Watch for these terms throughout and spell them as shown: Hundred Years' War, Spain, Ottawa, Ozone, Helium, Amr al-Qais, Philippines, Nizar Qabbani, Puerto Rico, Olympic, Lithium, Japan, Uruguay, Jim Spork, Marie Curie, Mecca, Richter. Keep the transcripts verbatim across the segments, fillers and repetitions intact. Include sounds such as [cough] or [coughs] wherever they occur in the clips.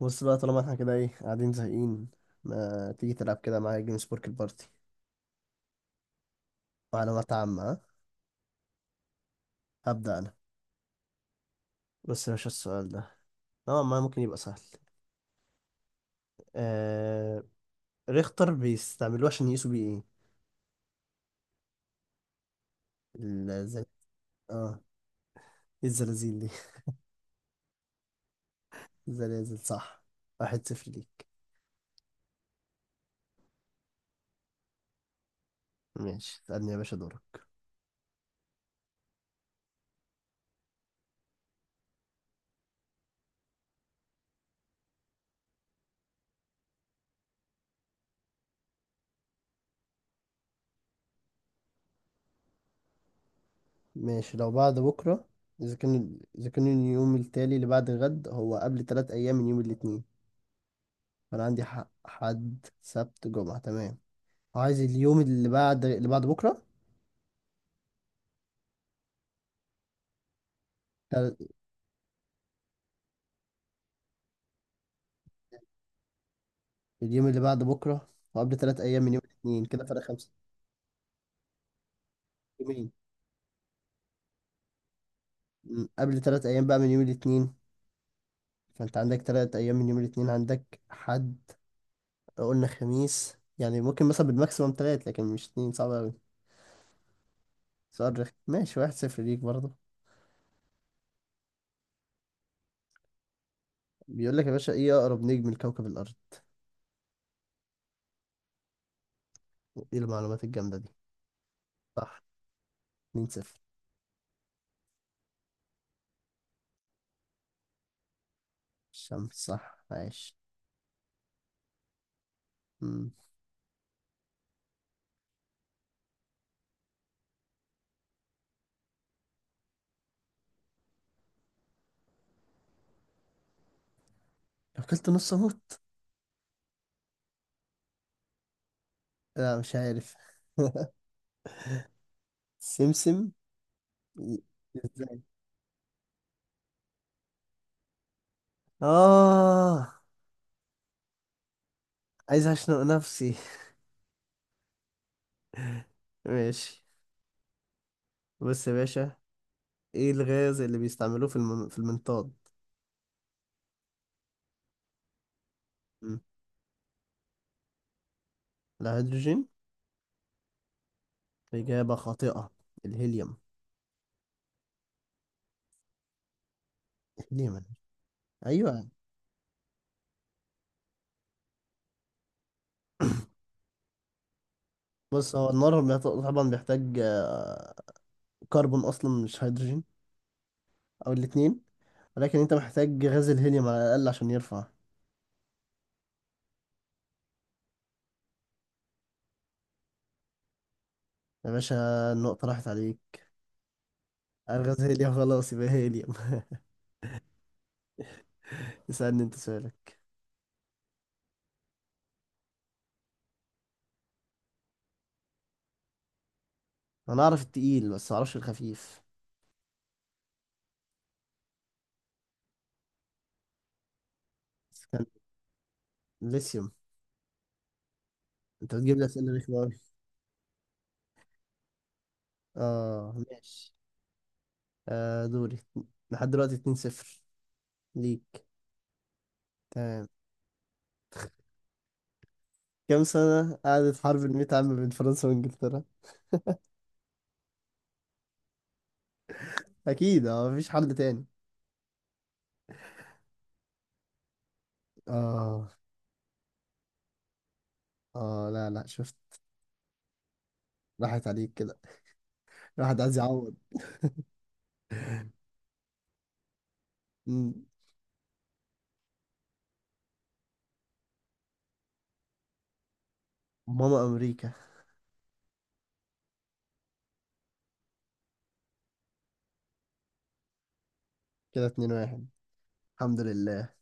بص بقى، طالما احنا كده ايه قاعدين زهقين. ما تيجي تلعب كده معايا جيم سبورك البارتي؟ معلومات عامة، ها؟ هبدأ أنا. بس يا باشا السؤال ده نوعا ما ممكن يبقى سهل. آه... ريختر بيستعملوه عشان يقيسوا بيه ايه؟ الزل... اه، إيه الزلازل دي؟ [laughs] الزلازل، صح. واحد صفر ليك. ماشي، اسألني يا باشا دورك. ماشي، لو بعد بكرة، إذا كان إذا كان اليوم التالي اللي بعد غد هو قبل تلات أيام من يوم الاتنين، فأنا عندي حق. حد، سبت، جمعة، تمام. عايز اليوم اللي بعد اللي بعد بكرة. تل- اليوم اللي بعد بكرة وقبل ثلاث أيام من يوم الاثنين، كده فرق خمسة. يومين. م، قبل ثلاث أيام بقى من يوم الاثنين، فأنت عندك ثلاث أيام من يوم الاثنين. عندك حد، قلنا خميس، يعني ممكن مثلا بالماكسيموم ثلاث، لكن مش اثنين، صعب أوي. سؤال رخم، ماشي، واحد صفر ليك برضه. بيقول لك يا باشا، إيه أقرب نجم لكوكب الأرض؟ إيه المعلومات الجامدة دي؟ صح، اتنين صفر. الشمس، صح، عايش. م، لو كلت نص أموت؟ لا مش عارف. [laughs] سمسم؟ ازاي؟ اه، عايز اشنق نفسي. [laughs] ماشي. بص يا باشا، ايه الغاز اللي بيستعملوه في الم... في المنطاد؟ مم. الهيدروجين؟ اجابة خاطئة. الهيليوم. الهيليوم أنا- ايوه. [coughs] بص هو النار بيط- طبعا بيحتاج آه، كربون اصلا، مش هيدروجين. او الاتنين. ولكن انت محتاج غاز الهيليوم على الاقل عشان يرفع. يا باشا، النقطة راحت عليك. الغاز هيليوم، خلاص يبقى هيليوم. [laughs] اسألني، انت سؤالك. انا اعرف التقيل بس ما اعرفش الخفيف. ليثيوم. انت بتجيب لي اسئله رخمه قوي. اه ماشي. آه دوري. لحد دلوقتي اتنين صفر ليك. تمام. كم سنه قعدت حرب المئة عام بين فرنسا وانجلترا؟ اكيد، اه، مفيش حل تاني. اه. اه لا لا، شفت. راحت عليك كده. الواحد عايز يعوض. مم. ماما امريكا. كده اتنين واحد، الحمد لله.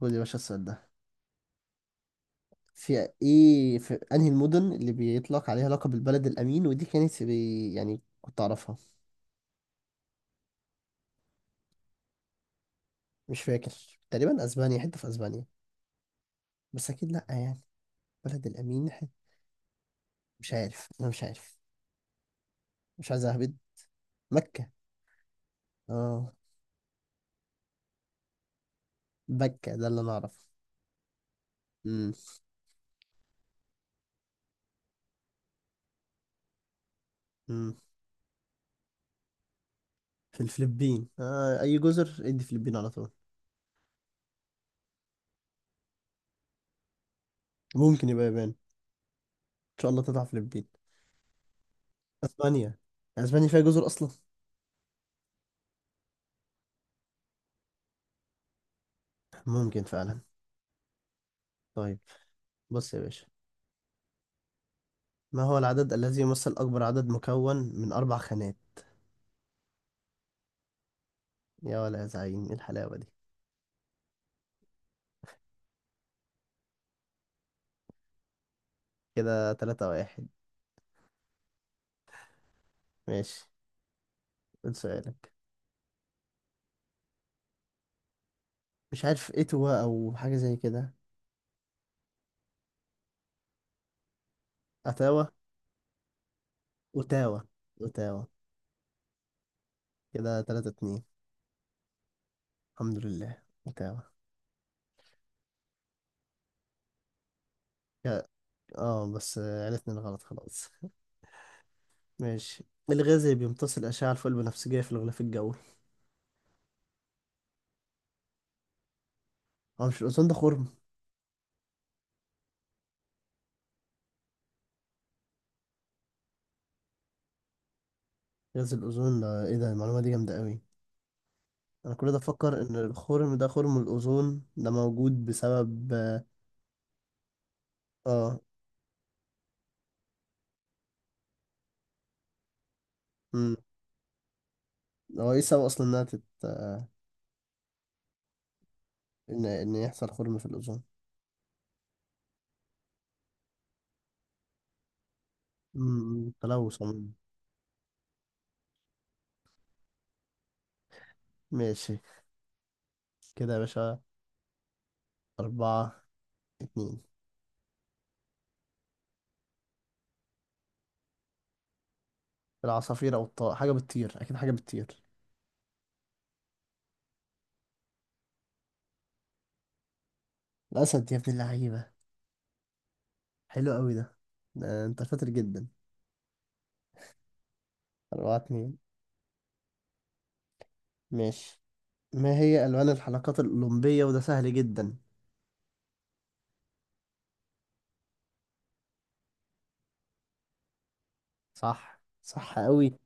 خد يا باشا السؤال ده، في ايه في انهي المدن اللي بيطلق عليها لقب البلد الامين؟ ودي كانت في، يعني كنت اعرفها. مش فاكر، تقريبا اسبانيا، حته في اسبانيا، بس اكيد لا يعني. بلد الامين. مش عارف انا مش عارف. مش عايز اهبد. مكة. اه، مكة ده اللي انا اعرفه. امم. امم. في الفلبين، آه اي جزر ادي فلبين على طول. ممكن يبقى يابان، ان شاء الله تطلع فلبين. اسبانيا؟ اسبانيا فيها جزر اصلا؟ ممكن فعلا. طيب. بص يا باشا، ما هو العدد الذي يمثل اكبر عدد مكون من اربع خانات؟ يا ولا يا زعيم، ايه الحلاوة دي؟ كده تلاتة واحد. ماشي، قول سؤالك. مش عارف، اتوا او حاجة زي كده. اتاوا. اوتاوا. اوتاوا. كده تلاتة اتنين، الحمد لله، اوتاوا. يا- اه بس آه، عرفنا الغلط خلاص. ماشي. الغاز اللي بيمتص الأشعة الفوق البنفسجية في الغلاف الجوي؟ هو مش الأوزون ده خرم؟ غاز الأوزون ده ايه ده؟ المعلومة دي جامدة قوي. أنا كل ده أفكر إن الخرم ده خرم الأوزون ده موجود بسبب اه آه، مم. هو ايه السبب أصلا إنها تت آه، إن إن يحصل خرم في الأوزون؟ مم، تلوث عموما. ماشي. كده يا باشا أربعة اتنين. العصافير او الطائر، حاجه بتطير اكيد، حاجه بتطير. الاسد يا ابن اللعيبه، حلو قوي ده. ده انت شاطر جدا. أربعة اتنين. ماشي، ما هي الوان الحلقات الاولمبيه؟ وده سهل جدا. صح، صح قوي.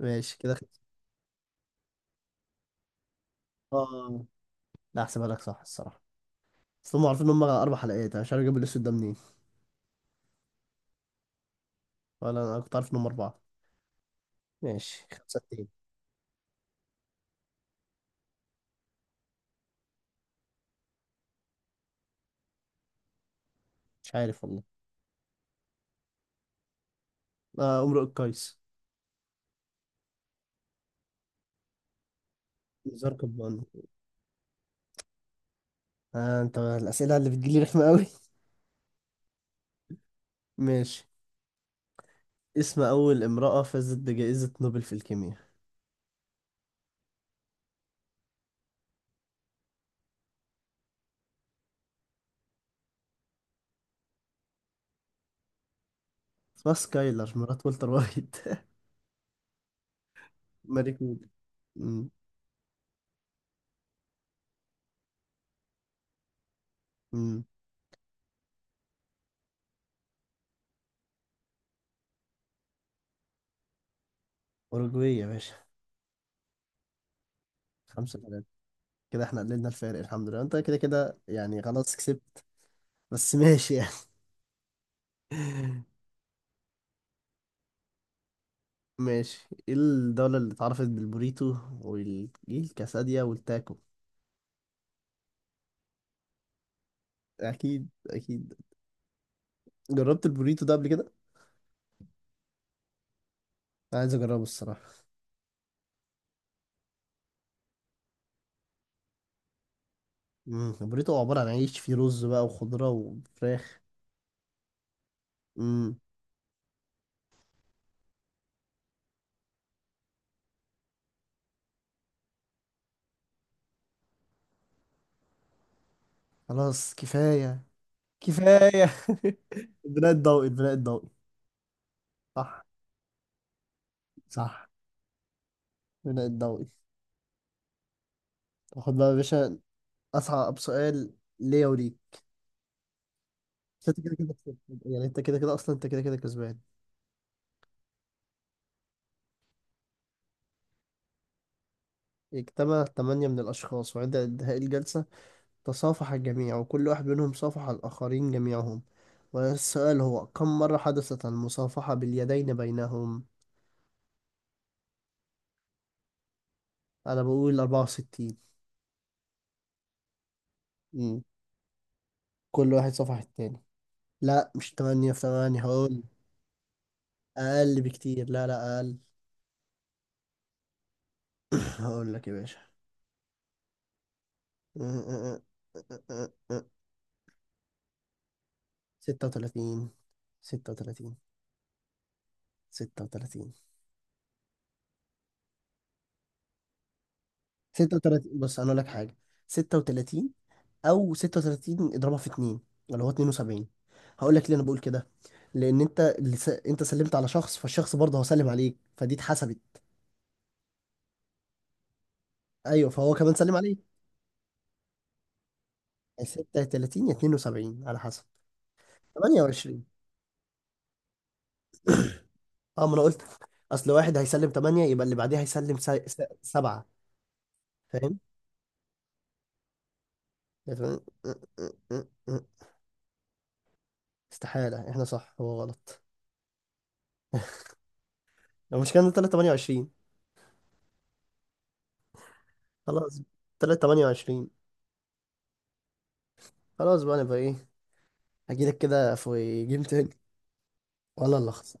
ماشي كده، خلص. اه، لا احسبها لك، صح الصراحه. بس هم عارفين ان هم اربع حلقات، انا مش عارف اجيب الاسود ده منين. ولا انا كنت عارف ان هم اربعه. ماشي، خمسة اتنين. مش عارف والله. آه، امرؤ القيس. نزار قباني؟ آه، انت الاسئله اللي بتجيلي رخمه قوي. [laughs] ماشي. اسم أول امرأة فازت بجائزة نوبل في الكيمياء؟ اسمها سكايلر مرات والتر وايت. [laughs] ماري كوري. أمم، أمم. أوروجواي يا باشا. خمسة ثلاثة. كده احنا قللنا الفارق، الحمد لله. انت كده كده يعني خلاص كسبت، بس ماشي يعني. [laughs] ماشي، ايه الدولة اللي اتعرفت بالبوريتو والكاساديا والتاكو؟ اكيد، اكيد. جربت البوريتو ده قبل كده؟ عايز اجربه الصراحة. امم، البوريتو عبارة عن عيش فيه رز بقى وخضرة وفراخ. امم. خلاص، كفاية. كفاية. [laughs] البناء الضوئي، البناء الضوئي. صح. صح البناء الضوئي. خد بقى يا باشا أصعب سؤال ليا وليك. بس انت كده كده كسبان. يعني انت كده كده اصلا، انت كده كده كسبان. اجتمع ثمانية من الأشخاص، وعند انتهاء الجلسة تصافح الجميع، وكل واحد منهم صافح الآخرين جميعهم. والسؤال هو، كم مرة حدثت المصافحة باليدين بينهم؟ أنا بقول أربعة وستين. مم. كل واحد صافح التاني. لا، مش تمانية في تمانية، هقول أقل بكتير. لا لا، أقل. [laughs] هقول لك يا باشا. [laughs] ستة وتلاتين. ستة وتلاتين. ستة وتلاتين. ستة وتلاتين، بص انا اقول لك حاجه. ستة وتلاتين، او ستة وتلاتين اضربها في اتنين، اللي هو اتنين وسبعين. هقول لك ليه انا بقول كده. لان انت اللي س... انت سلمت على شخص، فالشخص برضه هو سلم عليك، فدي اتحسبت. ايوه، فهو كمان سلم عليك. ستة وتلاتين يا اتنين وسبعين على حسب. تمانية وعشرين. [coughs] اه، ما انا قلت، اصل واحد هيسلم تمانية، يبقى اللي بعديه هيسلم سبعة. فاهم. استحالة احنا صح هو غلط. لو مش كان تلتمية وتمانية وعشرين. خلاص، تلتمية وتمانية وعشرين. خلاص بقى، نبقى ايه، هجيلك كده في جيم تاني، ولا اللي خسر.